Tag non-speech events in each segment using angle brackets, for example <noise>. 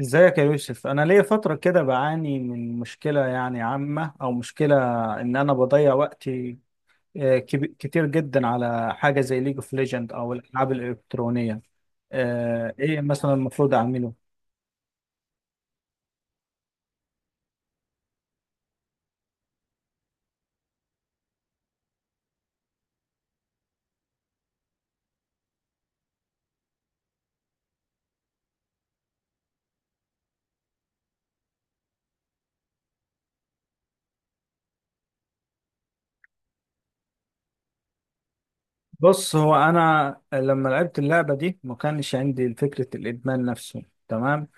ازيك يا يوسف، انا ليا فتره كده بعاني من مشكله، يعني عامه او مشكله ان انا بضيع وقتي. كتير جدا على حاجه زي ليج اوف ليجند او الالعاب الالكترونيه. ايه مثلا المفروض اعمله؟ بص، هو انا لما لعبت اللعبه دي ما كانش عندي فكره الادمان نفسه، تمام.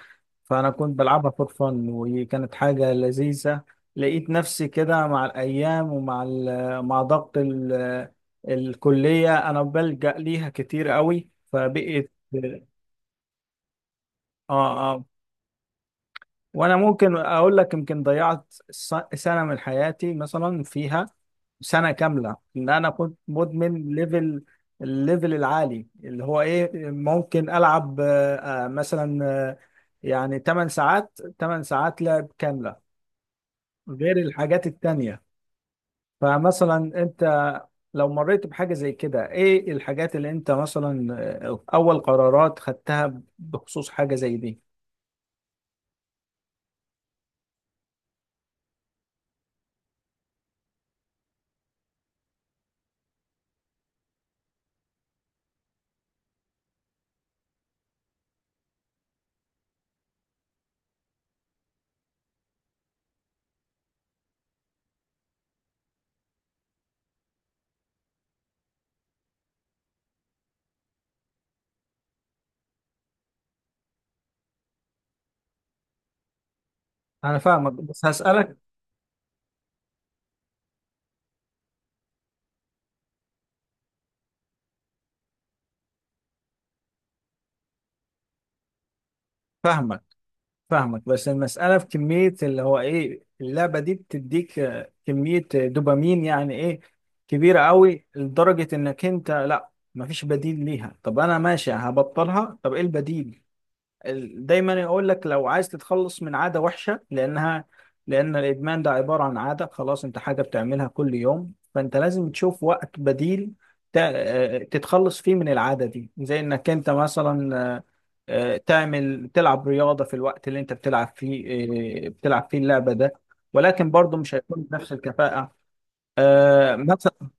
فأنا كنت بلعبها فور فن وكانت حاجة لذيذة. لقيت نفسي كده مع الأيام، ومع مع ضغط الكلية أنا بلجأ ليها كتير قوي، فبقيت. آه آه. وأنا ممكن أقول لك يمكن ضيعت سنة من حياتي مثلا، فيها سنة كاملة إن أنا كنت مدمن ليفل، الليفل العالي، اللي هو إيه، ممكن ألعب مثلا يعني 8 ساعات، 8 ساعات لعب كاملة غير الحاجات التانية. فمثلا انت لو مريت بحاجة زي كده، ايه الحاجات اللي انت مثلا اول قرارات خدتها بخصوص حاجة زي دي؟ انا فاهمك بس هسألك. فاهمك. فاهمك بس المسألة في كمية، اللي هو ايه، اللعبة دي بتديك كمية دوبامين، يعني ايه، كبيرة قوي لدرجة انك انت لا مفيش بديل ليها. طب انا ماشي هبطلها، طب ايه البديل؟ دايما يقول لك لو عايز تتخلص من عادة وحشة، لأنها، لأن الإدمان ده عبارة عن عادة، خلاص، أنت حاجة بتعملها كل يوم، فأنت لازم تشوف وقت بديل تتخلص فيه من العادة دي، زي إنك أنت مثلا تعمل تلعب رياضة في الوقت اللي أنت بتلعب فيه اللعبة ده، ولكن برضه مش هيكون بنفس الكفاءة. مثلا.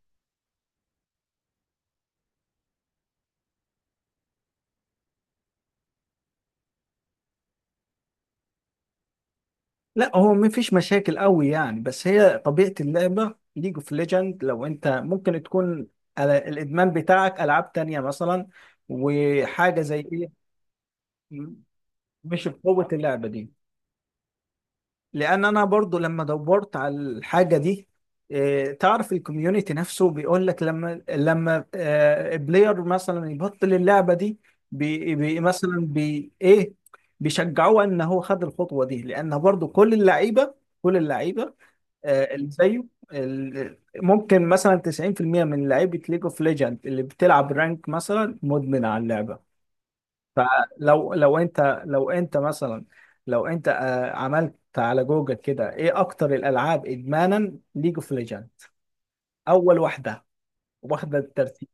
لا هو مفيش مشاكل قوي يعني، بس هي طبيعة اللعبة ليج اوف ليجند. لو انت ممكن تكون الادمان بتاعك العاب تانية مثلا، وحاجة زي ايه؟ مش بقوة اللعبة دي، لان انا برضو لما دورت على الحاجة دي تعرف الكوميونتي نفسه بيقول لك، لما بلاير مثلا يبطل اللعبة دي، بي بي مثلا بي ايه، بيشجعوه ان هو خد الخطوة دي، لان برضو كل اللعيبة، كل اللعيبة، اللي زيه ال- ممكن مثلا 90% من لعيبة ليج اوف ليجند اللي بتلعب رانك مثلا مدمن على اللعبة. فلو لو انت لو انت مثلا لو انت آه، عملت على جوجل كده ايه اكتر الالعاب ادمانا؟ ليج اوف ليجند اول واحدة واخدة الترتيب.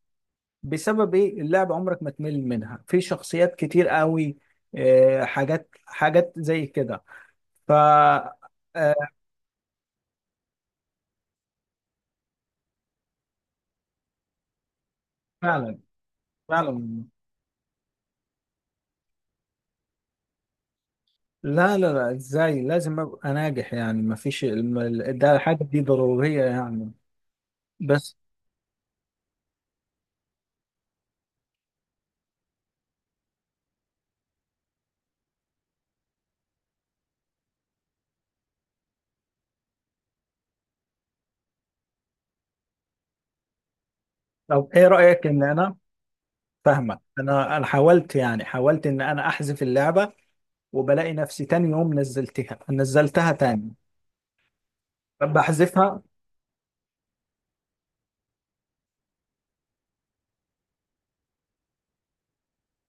بسبب ايه؟ اللعبة عمرك ما تمل منها، في شخصيات كتير قوي حاجات، زي كده. ف. آه، فعلا، فعلا. لا لا لا، ازاي لازم ابقى ناجح يعني، ما فيش ده، الحاجه دي ضروريه يعني، بس. طب ايه رايك ان انا. فاهمك، انا حاولت، يعني حاولت ان انا احذف اللعبه، وبلاقي نفسي تاني يوم نزلتها، نزلتها تاني. بحذفها.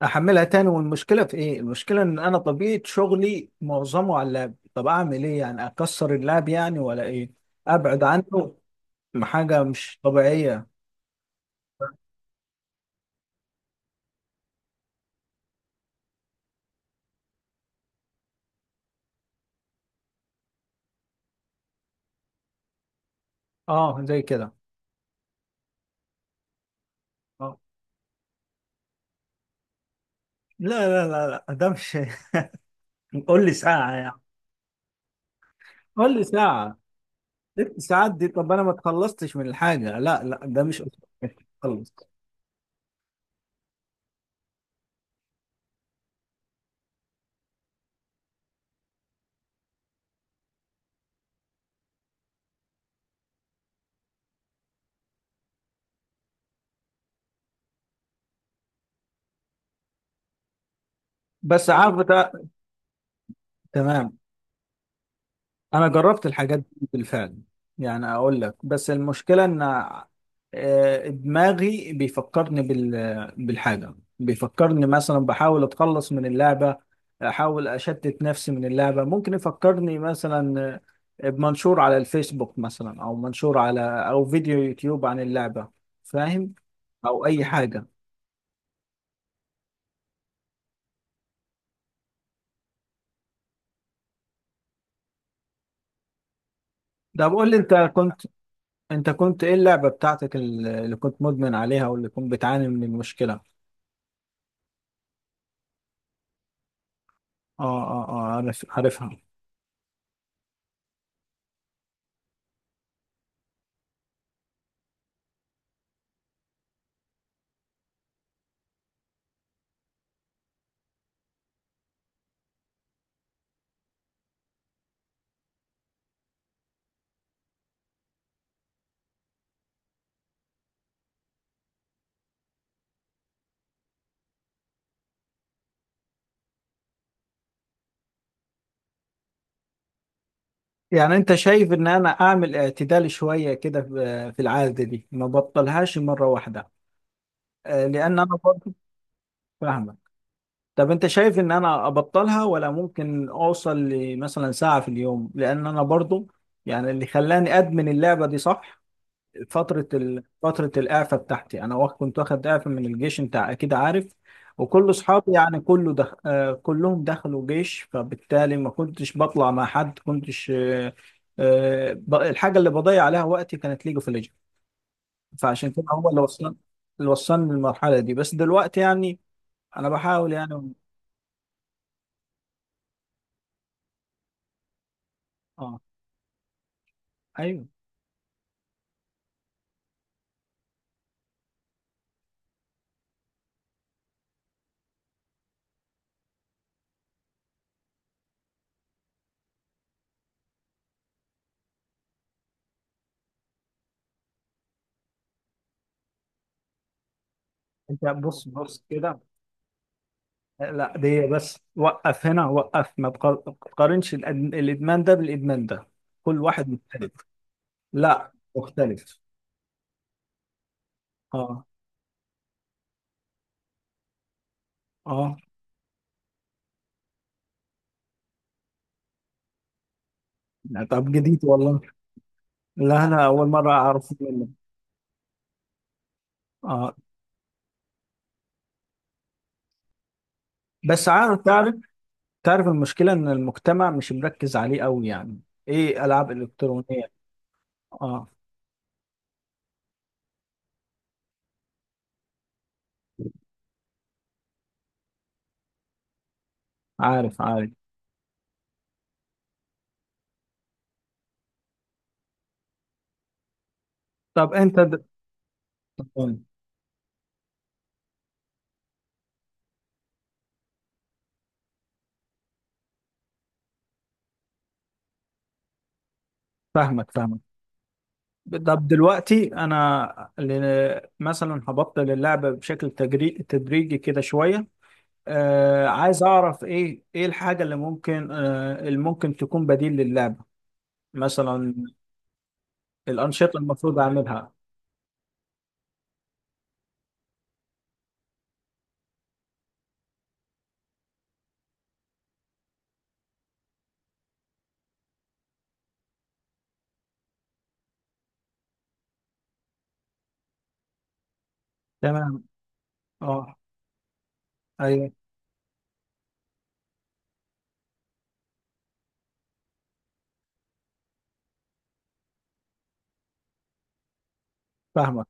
احملها تاني، والمشكله في ايه، المشكله ان انا طبيعه شغلي معظمه على اللاب. طب اعمل ايه يعني، اكسر اللاب يعني ولا ايه، ابعد عنه؟ حاجه مش طبيعيه. اه زي كده. آه. لا ده مش <laughs> قول لي ساعة يعني. قول لي ساعة. 6 ساعات دي؟ طب انا ما اتخلصتش من الحاجة. لا ده مش. خلص. بس عارف ده، تمام. انا جربت الحاجات دي بالفعل، يعني اقول لك بس المشكلة ان دماغي بيفكرني بالحاجة، بيفكرني مثلا بحاول اتخلص من اللعبة، احاول اشتت نفسي من اللعبة، ممكن يفكرني مثلا بمنشور على الفيسبوك مثلا، او منشور على، او فيديو يوتيوب عن اللعبة. فاهم؟ او اي حاجه. ده بقول لي انت كنت، انت كنت ايه اللعبه بتاعتك اللي كنت مدمن عليها، واللي كنت بتعاني من المشكله؟ اه. اه اه، عارف، عارفها. يعني انت شايف ان انا اعمل اعتدال شويه كده في في العاده دي، ما بطلهاش مره واحده؟ لان انا برضه، فاهمك. طب انت شايف ان انا ابطلها، ولا ممكن اوصل لمثلا ساعه في اليوم؟ لان انا برضه يعني اللي خلاني ادمن اللعبه دي، صح، فترة فترة الإعفاء بتاعتي أنا، كنت واخد إعفاء من الجيش، أنت أكيد عارف. وكل أصحابي، يعني كله دخ... آه، كلهم دخلوا جيش، فبالتالي ما كنتش بطلع مع حد، كنتش الحاجة اللي بضيع عليها وقتي كانت ليج اوف ليجند، فعشان كده هو اللي وصلني، اللي وصلني للمرحلة دي. بس دلوقتي يعني، أنا بحاول يعني. آه. أيوه. أنت بص كده، لا، دي بس، وقف هنا، وقف ما تقارنش الإدمان ده بالإدمان ده، كل واحد مختلف. لا مختلف. اه. اه. لا، طب جديد والله. لا انا اول مره اعرف منه. اه. بس عارف، تعرف، تعرف المشكله ان المجتمع مش مركز عليه قوي يعني، ايه، العاب الكترونيه. اه. عارف، عارف. طب انت فاهمك، فاهمك. طب دلوقتي انا مثلا هبطل اللعبه بشكل تدريجي كده شويه. آه، عايز اعرف ايه الحاجه اللي ممكن، تكون بديل للعبه مثلا؟ الأنشطة المفروض أعملها. تمام. أه. أيوه. فاهمك.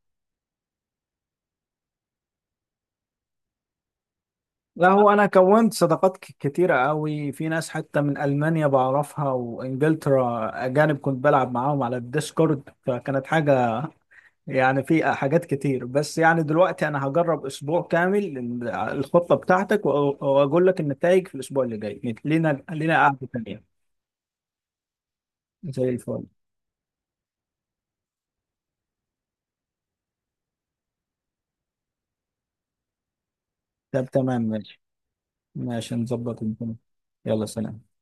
لا، هو أنا كونت صداقات كتيرة قوي في ناس، حتى من ألمانيا بعرفها وإنجلترا، أجانب، كنت بلعب معاهم على الديسكورد، فكانت حاجة، يعني في حاجات كتير. بس يعني دلوقتي أنا هجرب أسبوع كامل الخطة بتاعتك وأقول لك النتائج في الأسبوع اللي جاي. لينا قعدة تانية. زي الفل. طب تمام، ماشي. ماشي نظبط الدنيا. يلا سلام.